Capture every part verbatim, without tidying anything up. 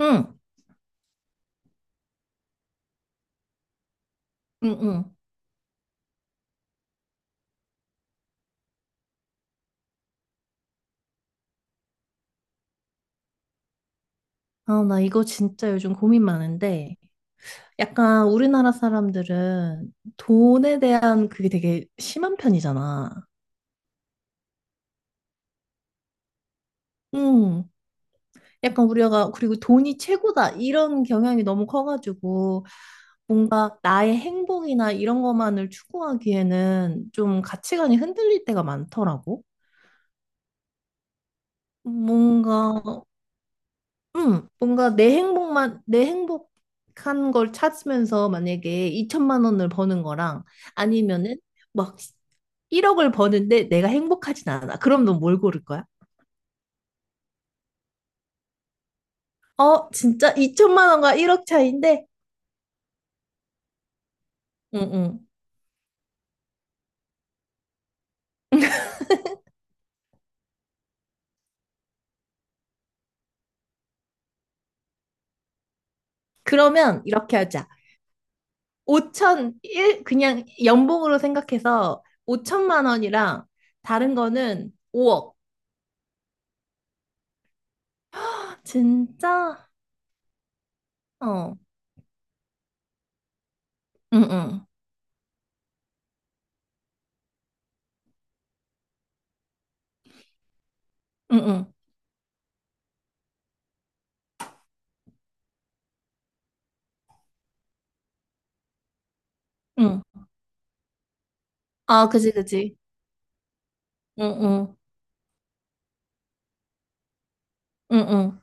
응, 응, 응. 아, 나 이거 진짜 요즘 고민 많은데, 약간 우리나라 사람들은 돈에 대한 그게 되게 심한 편이잖아. 응. 약간 우리가, 그리고 돈이 최고다, 이런 경향이 너무 커가지고, 뭔가 나의 행복이나 이런 것만을 추구하기에는 좀 가치관이 흔들릴 때가 많더라고. 뭔가 응, 뭔가 내 행복만, 내 행복한 걸 찾으면서 만약에 이천만 원을 버는 거랑 아니면은 막 일억을 버는데 내가 행복하진 않아. 그럼 넌 뭘 고를 거야? 어, 진짜 이천만 원과 일억 차이인데? 응, 응. 그러면 이렇게 하자. 오천, 일 그냥 연봉으로 생각해서 오천만 원이랑 다른 거는 오억. 진짜? 어. 응, 응. 응, 응. 응. 아, 그지, 그지. 응, 응. 응, 응.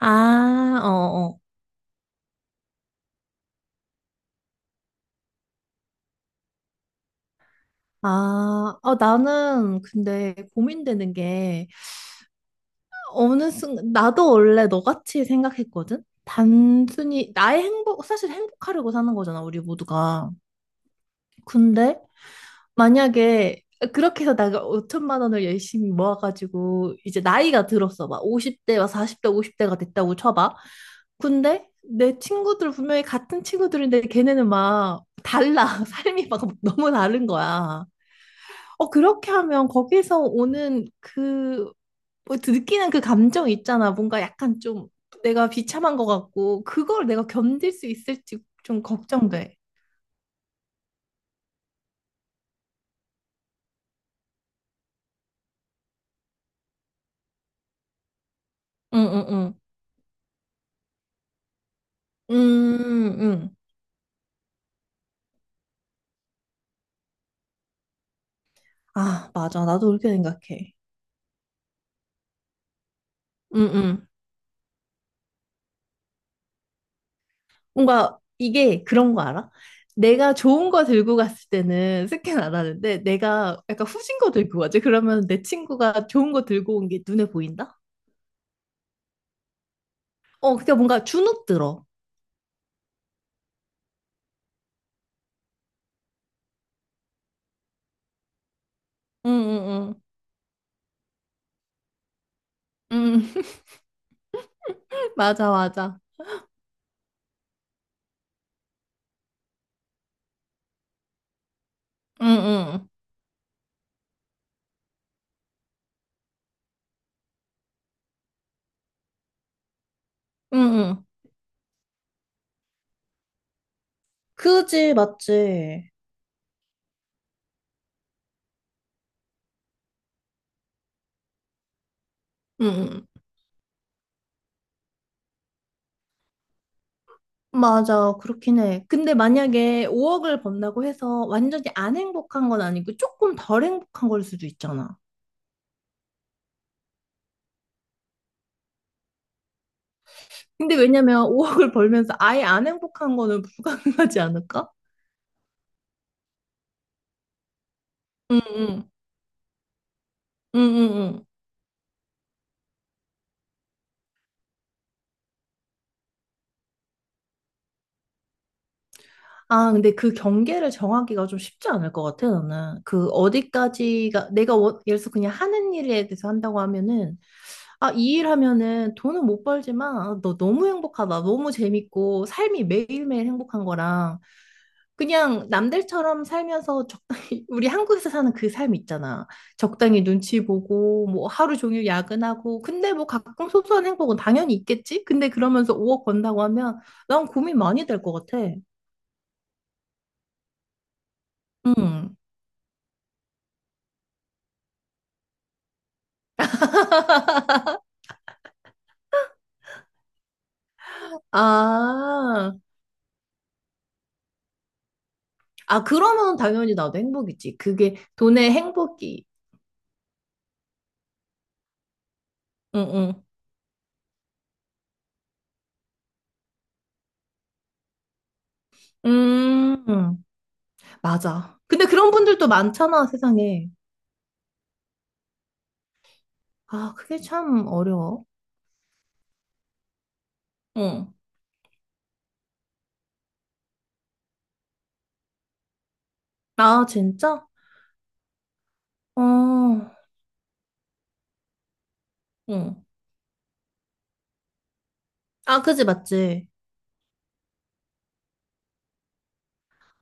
아, 어, 어. 아, 어, 나는 근데 고민되는 게 어느 순간 나도 원래 너같이 생각했거든? 단순히 나의 행복, 사실 행복하려고 사는 거잖아, 우리 모두가. 근데 만약에 그렇게 해서 내가 오천만 원을 열심히 모아가지고 이제 나이가 들었어. 막 오십 대, 막 사십 대, 오십 대가 됐다고 쳐봐. 근데 내 친구들 분명히 같은 친구들인데 걔네는 막 달라. 삶이 막 너무 다른 거야. 어, 그렇게 하면 거기서 오는 그, 뭐, 느끼는 그 감정 있잖아. 뭔가 약간 좀 내가 비참한 것 같고, 그걸 내가 견딜 수 있을지 좀 걱정돼. 응, 응, 응. 음, 응. 아, 맞아. 나도 그렇게 생각해. 응, 응. 뭔가 이게 그런 거 알아? 내가 좋은 거 들고 갔을 때는 스캔 안 하는데, 내가 약간 후진 거 들고 가지. 그러면 내 친구가 좋은 거 들고 온 게 눈에 보인다? 어, 그러니까 뭔가 주눅 들어. 응, 응, 응. 응. 맞아, 맞아. 응, 응, 응, 응. 그지, 맞지? 응, 응. 맞아, 그렇긴 해. 근데 만약에 오억을 번다고 해서 완전히 안 행복한 건 아니고 조금 덜 행복한 걸 수도 있잖아. 근데 왜냐면 오억을 벌면서 아예 안 행복한 거는 불가능하지 않을까? 응, 응, 응, 응, 아, 근데 그 경계를 정하기가 좀 쉽지 않을 것 같아, 나는. 그 어디까지가, 내가 원- 예를 들어서 그냥 하는 일에 대해서 한다고 하면은, 아, 이 일 하면은 돈은 못 벌지만, 아, 너 너무 행복하다. 너무 재밌고, 삶이 매일매일 행복한 거랑, 그냥 남들처럼 살면서 적당히, 우리 한국에서 사는 그 삶 있잖아. 적당히 눈치 보고, 뭐 하루 종일 야근하고, 근데 뭐 가끔 소소한 행복은 당연히 있겠지? 근데 그러면서 오억 번다고 하면, 난 고민 많이 될 것 같아. 응. 아, 아, 그러면 당연히 나도 행복이지. 그게 돈의 행복이. 응, 응. 음, 맞아. 근데 그런 분들도 많잖아, 세상에. 아, 그게 참 어려워. 응. 아, 진짜? 어, 응. 아, 그지, 맞지.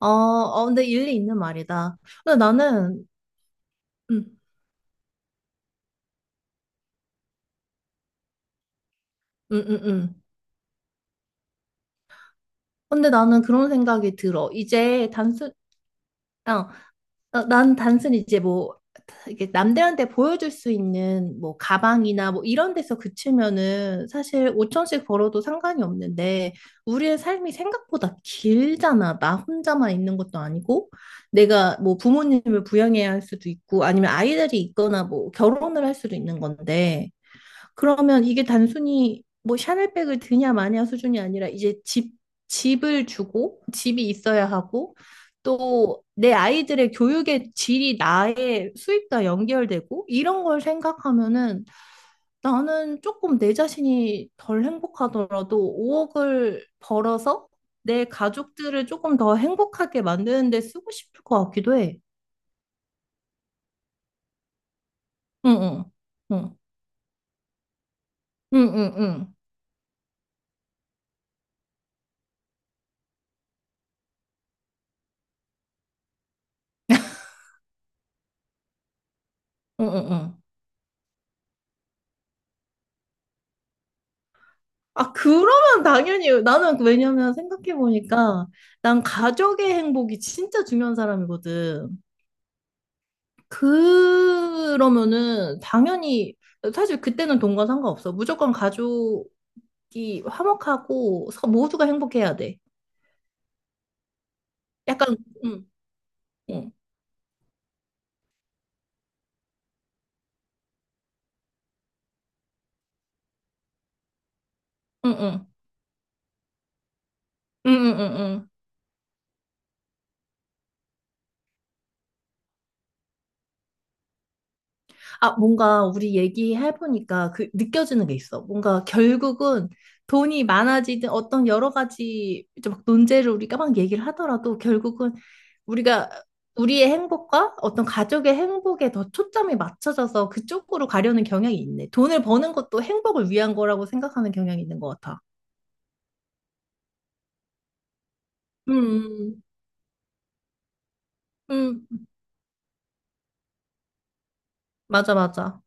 어, 어, 근데 일리 있는 말이다. 근데 나는, 응, 응, 응, 응. 근데 나는 그런 생각이 들어. 이제 단순, 어, 어, 난 단순히 이제 뭐 이게 남들한테 보여줄 수 있는 뭐 가방이나 뭐 이런 데서 그치면은 사실 오천씩 벌어도 상관이 없는데 우리의 삶이 생각보다 길잖아. 나 혼자만 있는 것도 아니고 내가 뭐 부모님을 부양해야 할 수도 있고 아니면 아이들이 있거나 뭐 결혼을 할 수도 있는 건데 그러면 이게 단순히 뭐 샤넬백을 드냐 마냐 수준이 아니라 이제 집, 집을 주고 집이 있어야 하고 또 내 아이들의 교육의 질이 나의 수입과 연결되고 이런 걸 생각하면은 나는 조금 내 자신이 덜 행복하더라도 오억을 벌어서 내 가족들을 조금 더 행복하게 만드는 데 쓰고 싶을 것 같기도 해. 응, 응, 응, 응, 응, 응, 응, 응. 응. 아, 그러면 당연히 나는 왜냐면 생각해보니까 난 가족의 행복이 진짜 중요한 사람이거든. 그러면은 당연히 사실 그때는 돈과 상관없어. 무조건 가족이 화목하고 서- 모두가 행복해야 돼. 약간 응, 응, 응, 응. 응, 응, 응, 응. 아, 뭔가 우리 얘기해보니까 그 느껴지는 게 있어. 뭔가 결국은 돈이 많아지든 어떤 여러 가지 이제 막 논제를 우리가 막 얘기를 하더라도 결국은 우리가 우리의 행복과 어떤 가족의 행복에 더 초점이 맞춰져서 그쪽으로 가려는 경향이 있네. 돈을 버는 것도 행복을 위한 거라고 생각하는 경향이 있는 것 같아. 음, 음, 맞아, 맞아.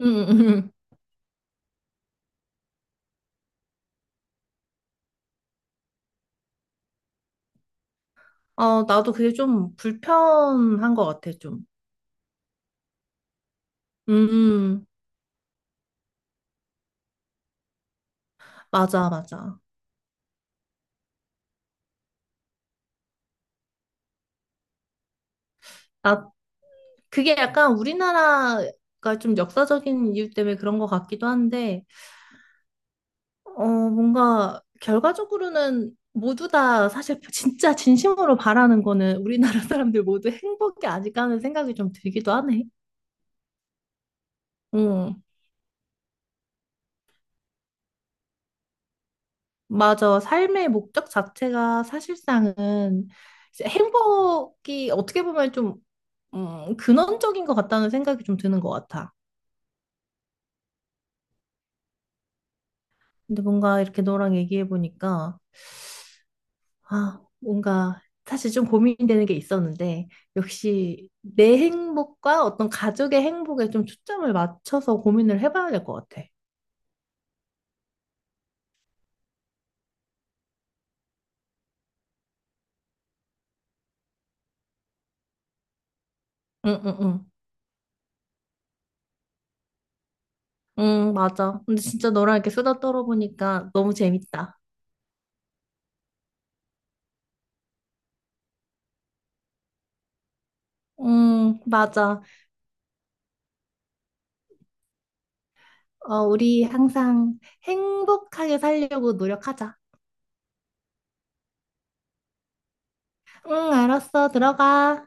음, 음, 음. 어, 나도 그게 좀 불편한 것 같아, 좀. 음, 음. 맞아, 맞아. 나, 그게 약간 우리나라가 좀 역사적인 이유 때문에 그런 것 같기도 한데, 어, 뭔가 결과적으로는 모두 다 사실 진짜 진심으로 바라는 거는 우리나라 사람들 모두 행복이 아닐까 하는 생각이 좀 들기도 하네. 응, 맞아. 삶의 목적 자체가 사실상은 이제 행복이 어떻게 보면 좀 음, 근원적인 것 같다는 생각이 좀 드는 것 같아. 근데 뭔가 이렇게 너랑 얘기해 보니까 아, 뭔가 사실 좀 고민되는 게 있었는데, 역시 내 행복과 어떤 가족의 행복에 좀 초점을 맞춰서 고민을 해봐야 될 것 같아. 응, 응, 응. 응, 맞아. 근데 진짜 너랑 이렇게 수다 떨어보니까 너무 재밌다. 응, 맞아. 어, 우리 항상 행복하게 살려고 노력하자. 응, 알았어. 들어가.